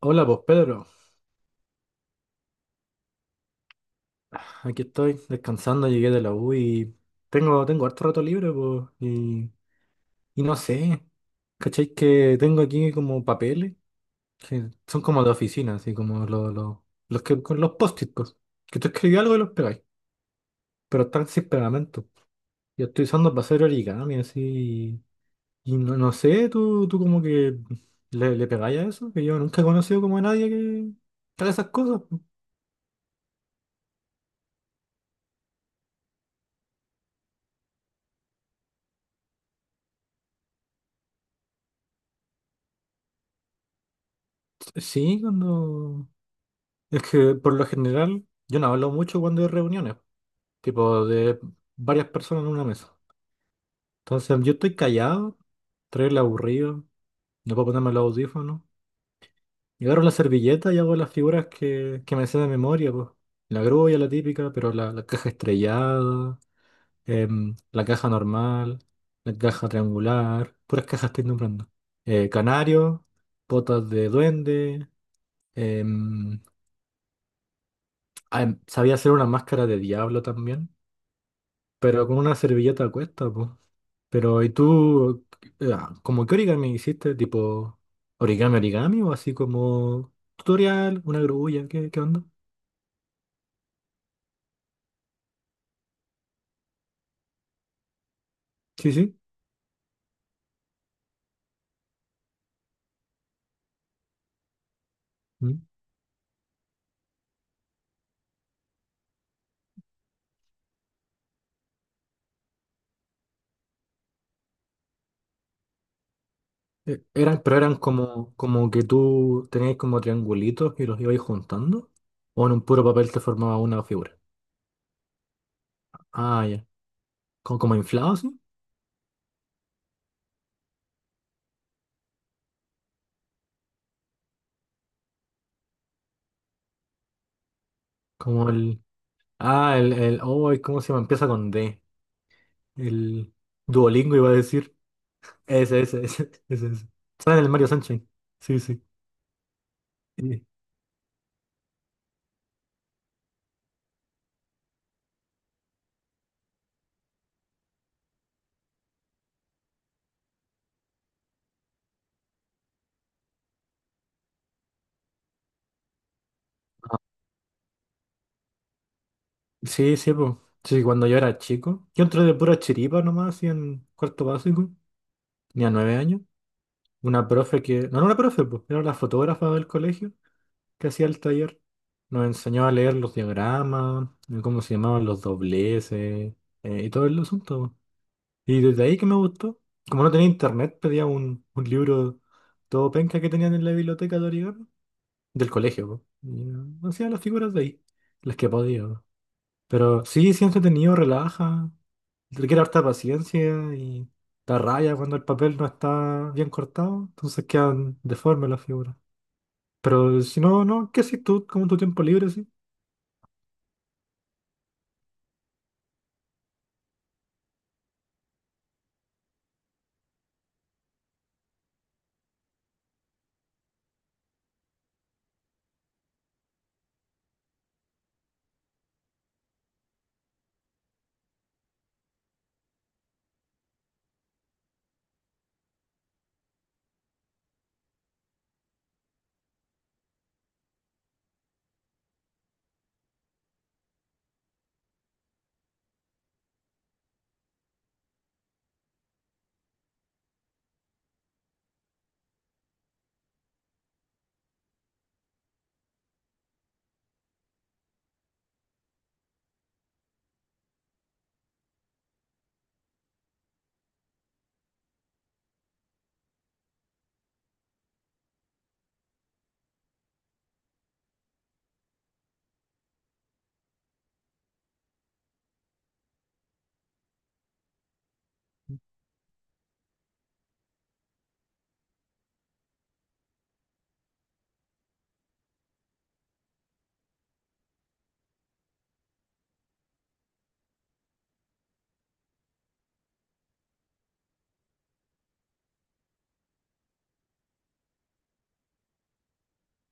Hola, pues Pedro, aquí estoy descansando, llegué de la U y tengo harto rato libre, pues, y no sé, ¿cachai? Que tengo aquí como papeles, que son como de oficina, así como los que con los post-it, pues, que tú escribís algo y los pegáis, pero están sin pegamento. Yo estoy usando para hacer origami, así, y, no, no sé, tú como que le pegáis a eso, que yo nunca he conocido como a nadie que haga esas cosas. Sí, cuando. Es que por lo general yo no hablo mucho cuando hay reuniones, tipo de varias personas en una mesa. Entonces yo estoy callado, traigo el aburrido, no puedo ponerme los audífonos. Y agarro la servilleta y hago las figuras que me sé de memoria, pues. La grulla, la típica, pero la caja estrellada, la caja normal, la caja triangular, puras cajas estoy nombrando. Canario, botas de duende, em, sabía hacer una máscara de diablo también. Pero con una servilleta a cuesta, pues. Pero, ¿y tú, como qué origami hiciste? ¿Tipo origami, origami? ¿O así como tutorial, una grulla? ¿Qué onda? Sí, sí. Mm. Eran, pero eran como que tú tenías como triangulitos y los ibais juntando. ¿O en un puro papel te formaba una figura? Ah, ya. ¿Como inflado, así? Como el. Ah, el. Oh, ¿cómo se llama? Empieza con D. El Duolingo iba a decir. Ese, ese, ese, ese, ese. Sabes el Mario Sunshine. Sí, sí. Y- ah, Sí, sí, pues. Sí, cuando yo era chico. Yo entré de pura chiripa nomás, así en cuarto básico. Tenía 9 años. Una profe que. No era una profe, pues. Era la fotógrafa del colegio que hacía el taller. Nos enseñó a leer los diagramas, cómo se llamaban los dobleces, y todo el asunto, po. Y desde ahí que me gustó. Como no tenía internet, pedía un libro todo penca que tenían en la biblioteca de origami del colegio, po. Y hacía las figuras de ahí, las que podía, po. Pero sí, sí entretenido, relaja, requiere harta paciencia y da raya cuando el papel no está bien cortado, entonces quedan deformes las figuras. Pero si no, no, ¿qué haces tú? Como tu tiempo libre, sí.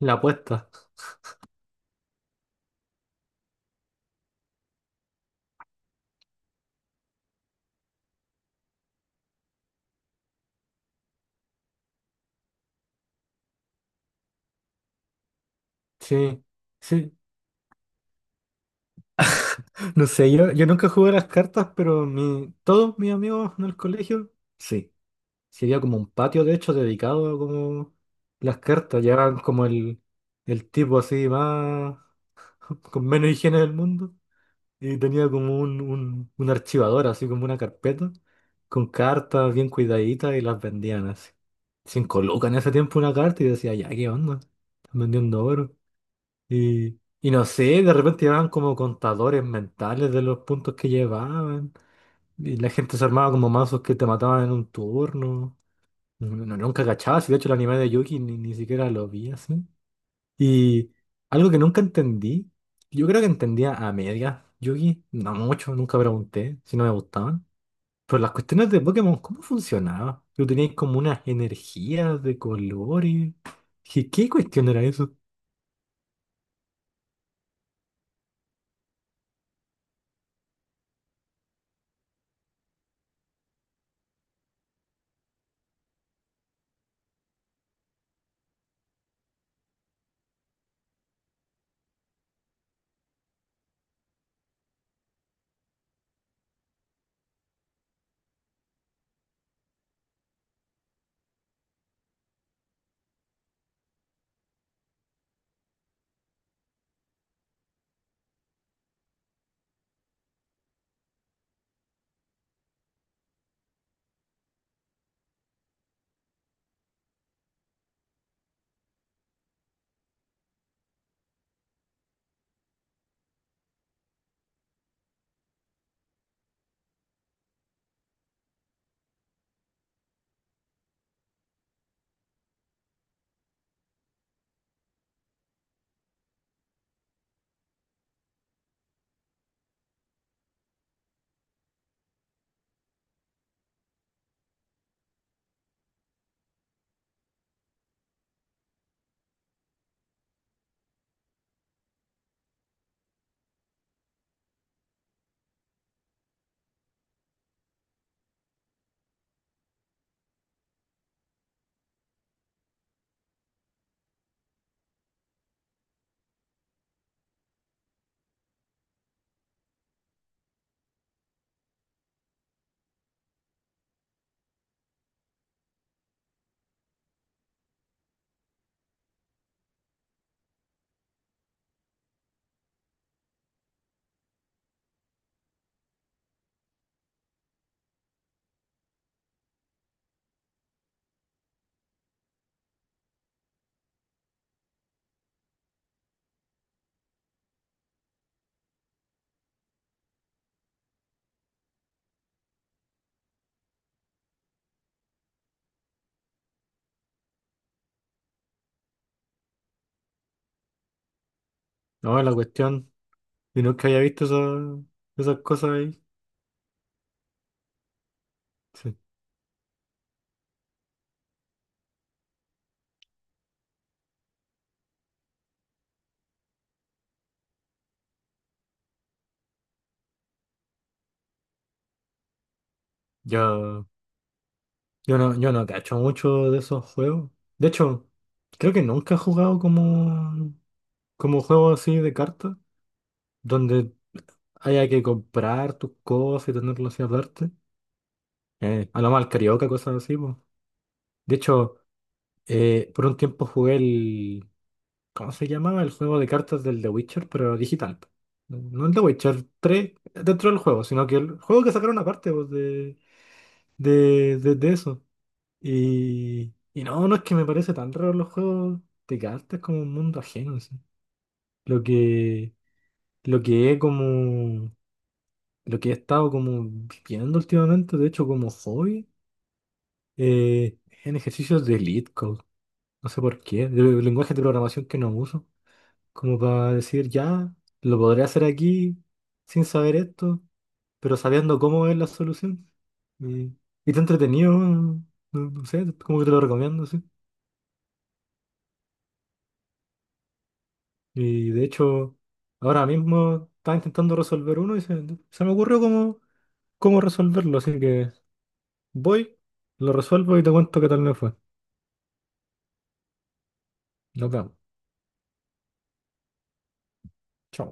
La apuesta. Sí, sí. No sé, yo nunca jugué a las cartas, pero todos mis amigos en el colegio, sí. Sería como un patio, de hecho, dedicado a como las cartas. Llevaban como el tipo así más, con menos higiene del mundo. Y tenía como un archivador, así como una carpeta, con cartas bien cuidaditas y las vendían así. 5 lucas en ese tiempo una carta y decía, ya, ¿qué onda? Están vendiendo oro. Y no sé, de repente llevaban como contadores mentales de los puntos que llevaban. Y la gente se armaba como mazos que te mataban en un turno. No, nunca cachaba, si de hecho el anime de Yuki ni siquiera lo vi así. Y algo que nunca entendí, yo creo que entendía a medias Yuki, no mucho, nunca pregunté si no me gustaban. Pero las cuestiones de Pokémon, ¿cómo funcionaba? Yo tenía como unas energías de colores. ¿Qué cuestión era eso? No, la cuestión, yo, nunca había visto esa- esas cosas ahí. Sí. Yo, yo no cacho mucho de esos juegos. De hecho, creo que nunca he jugado como. Como juego así de cartas, donde haya que comprar tus cosas y tenerlas así aparte. A lo mal carioca, cosas así, po. De hecho, por un tiempo jugué el. ¿Cómo se llamaba? El juego de cartas del The Witcher, pero digital, po. No el The Witcher 3 dentro del juego, sino que el juego que sacaron aparte po, de eso. Y no, no es que me parece tan raro los juegos de cartas como un mundo ajeno, así. Lo que, lo que, es como. Lo que he estado como viendo últimamente, de hecho, como hobby, eh, en ejercicios de Elite Code. No sé por qué, de lenguaje de programación que no uso. Como para decir, ya, lo podré hacer aquí sin saber esto, pero sabiendo cómo es la solución. Y, y te entretenido, no, no sé, como que te lo recomiendo, sí. Y de hecho, ahora mismo estaba intentando resolver uno y se me ocurrió cómo resolverlo, así que voy, lo resuelvo y te cuento qué tal me fue. Nos vemos. Chao.